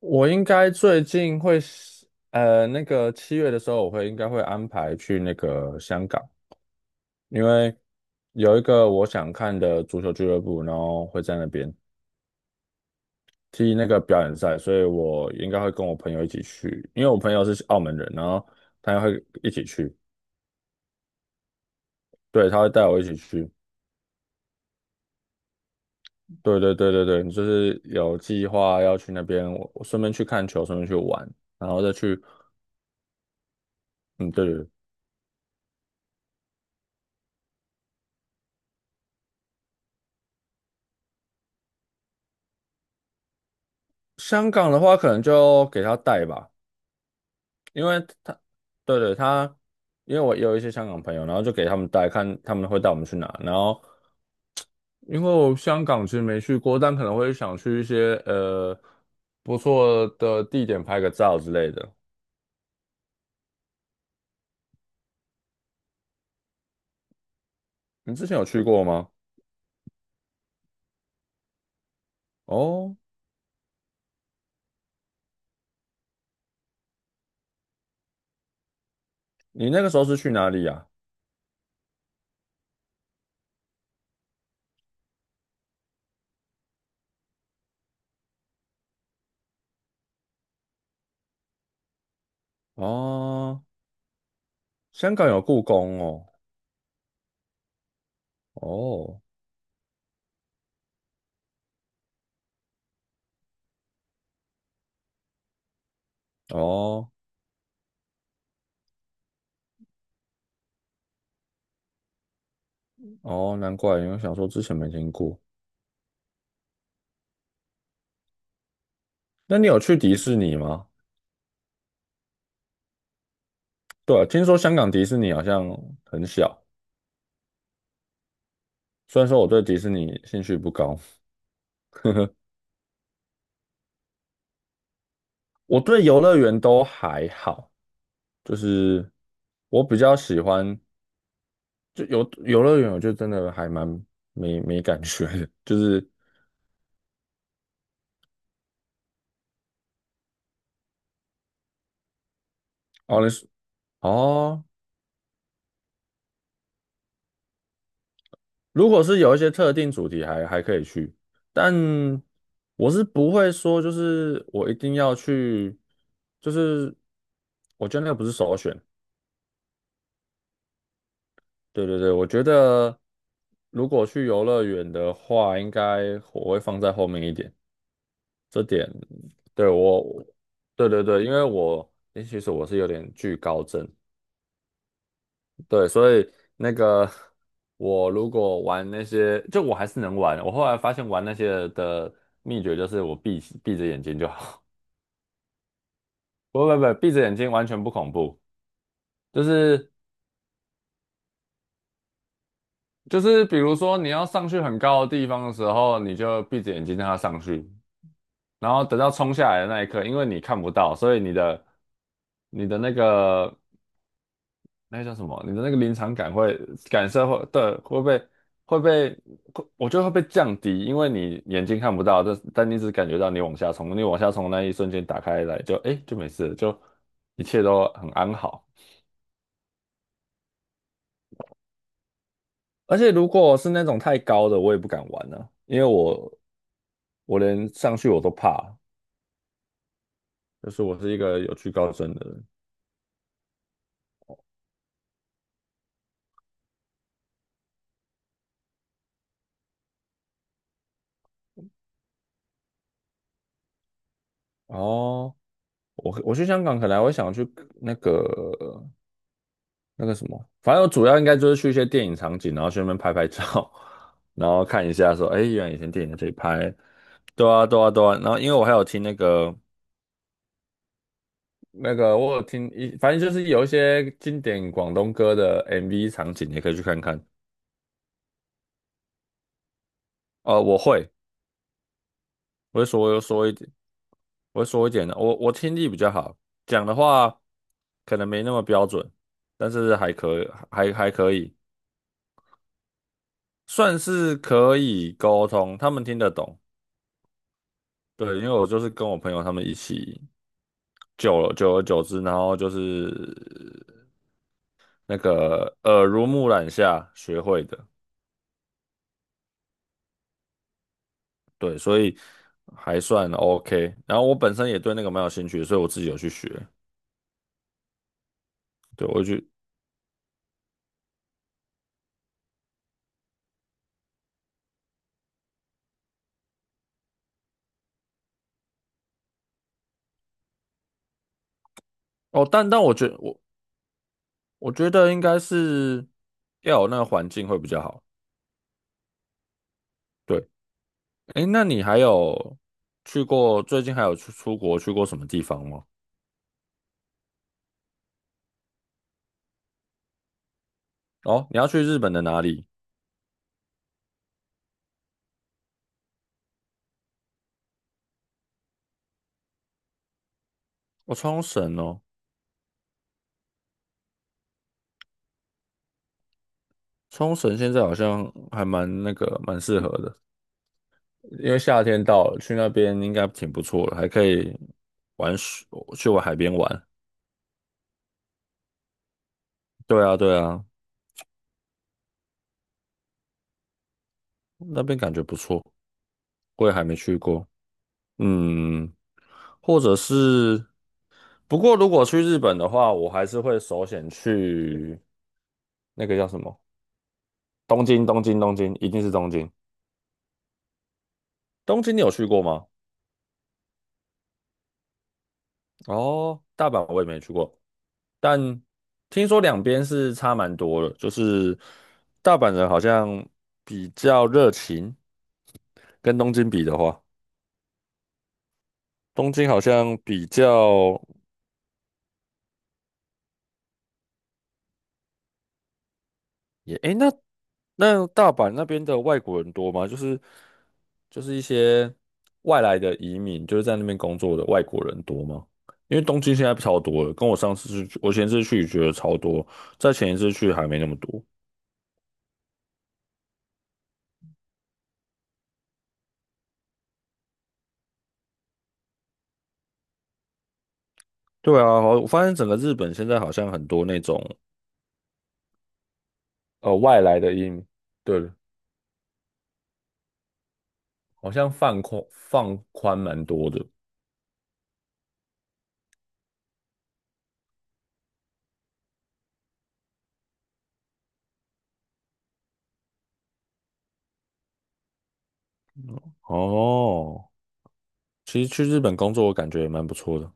我应该最近会是，那个七月的时候，我应该会安排去那个香港，因为有一个我想看的足球俱乐部，然后会在那边踢那个表演赛，所以我应该会跟我朋友一起去，因为我朋友是澳门人，然后他也会一起去，对，他会带我一起去，对对对对对，就是有计划要去那边，我顺便去看球，顺便去玩，然后再去，嗯，对对对，香港的话可能就给他带吧。因为他，对对，因为我有一些香港朋友，然后就给他们带看，他们会带我们去哪。然后，因为我香港其实没去过，但可能会想去一些不错的地点拍个照之类的。你之前有去过吗？哦，你那个时候是去哪里呀？哦，香港有故宫哦？哦哦哦，难怪，因为想说之前没听过。那你有去迪士尼吗？对啊，听说香港迪士尼好像很小。虽然说我对迪士尼兴趣不高，我对游乐园都还好，就是我比较喜欢就游乐园，我就真的还蛮没感觉的，就是哦，哦，如果是有一些特定主题还可以去，但我是不会说就是我一定要去，就是我觉得那个不是首选。对对对，我觉得如果去游乐园的话，应该我会放在后面一点。对我，对对对，因为我诶其实我是有点惧高症，对，所以那个我如果玩那些，就我还是能玩。我后来发现玩那些的秘诀就是我闭着眼睛就好，不不不，闭着眼睛完全不恐怖，就是就是比如说你要上去很高的地方的时候，你就闭着眼睛让它上去，然后等到冲下来的那一刻，因为你看不到，所以你的那个。那个叫什么？你的那个临场感会感受会对会被会被会我觉得会被降低，因为你眼睛看不到，但你只感觉到你往下冲，你往下冲那一瞬间打开来就哎就没事了就一切都很安好。而且如果是那种太高的，我也不敢玩呢。因为我连上去我都怕，就是我是一个有惧高症的人。哦，我去香港可能我会想去那个。那个什么，反正我主要应该就是去一些电影场景，然后去那边拍拍照，然后看一下说，哎，原来以前电影在这里拍，对啊，对啊，对啊。然后因为我还有听那个我有听一，反正就是有一些经典广东歌的 MV 场景，也可以去看看。哦，我会，我会说我说一点，我会说一点的。我听力比较好，讲的话可能没那么标准，但是还可以，算是可以沟通，他们听得懂。对，因为我就是跟我朋友他们一起久了，久而久之，然后就是那个耳濡目染下学会的，对，所以还算 OK。然后我本身也对那个蛮有兴趣所以我自己有去学。对，我去哦，但我觉得应该是要有那个环境会比较好。对，诶，那你还有去过最近还有去出国去过什么地方吗？哦，你要去日本的哪里？我，冲绳哦。冲绳现在好像还蛮那个蛮适合的，因为夏天到了，去那边应该挺不错的，还可以玩水，去玩海边玩。对啊，对啊，那边感觉不错，我也还没去过。嗯，或者是，不过如果去日本的话，我还是会首选去那个叫什么东京，东京，东京，一定是东京。东京你有去过吗？哦，大阪我也没去过。但听说两边是差蛮多的，就是大阪人好像比较热情，跟东京比的话，东京好像比较也诶，那大阪那边的外国人多吗？就是就是一些外来的移民，就是在那边工作的外国人多吗？因为东京现在超多了，跟我上次去，我前次去觉得超多，在前一次去还没那么多。对啊，我发现整个日本现在好像很多那种。外来的音，对，好像放宽蛮多的。哦，其实去日本工作，我感觉也蛮不错的。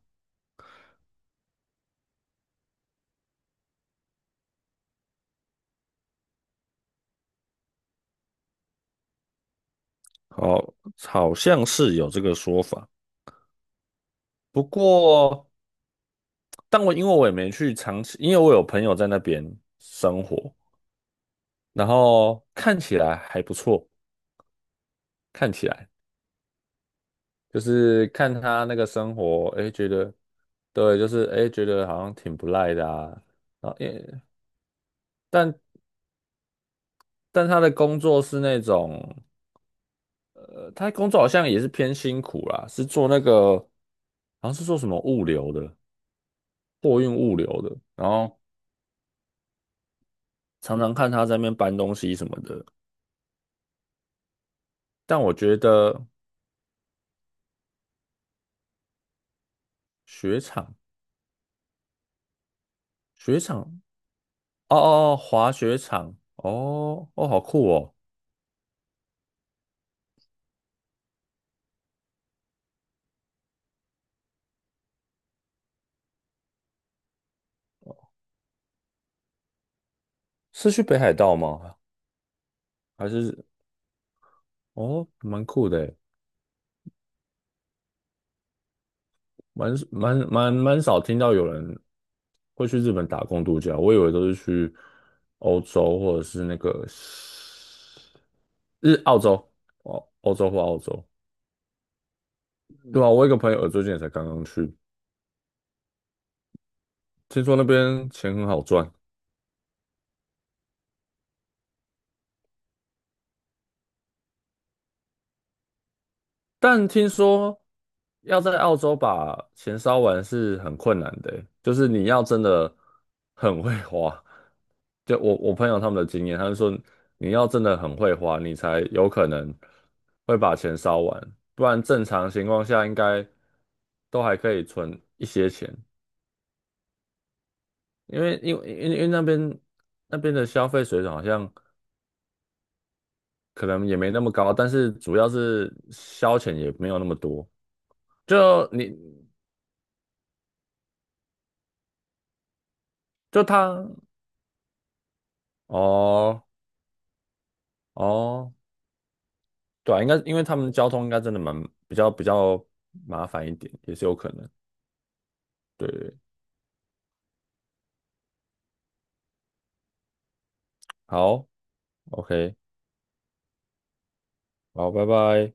好，好像是有这个说法。不过，因为我也没去长期，因为我有朋友在那边生活，然后看起来还不错，看起来就是看他那个生活，哎，觉得对，就是哎，觉得好像挺不赖的啊。然后，但但他的工作是那种。他工作好像也是偏辛苦啦，是做那个，好像是做什么物流的，货运物流的，然后常常看他在那边搬东西什么的。但我觉得雪场，雪场，哦哦哦，滑雪场，哦哦，好酷哦，是去北海道吗？还是哦，蛮酷的诶。蛮少听到有人会去日本打工度假，我以为都是去欧洲或者是那个澳洲，哦，欧洲或澳洲。对啊，我有一个朋友最近也才刚刚去，听说那边钱很好赚。但听说要在澳洲把钱烧完是很困难的欸就是你要真的很会花。就我朋友他们的经验，他们说你要真的很会花，你才有可能会把钱烧完，不然正常情况下应该都还可以存一些钱，因为那边的消费水准好像可能也没那么高，但是主要是消遣也没有那么多。就你就他哦哦，对啊，应该因为他们交通应该真的蛮比较麻烦一点，也是有可能。对，好，OK，好，拜拜。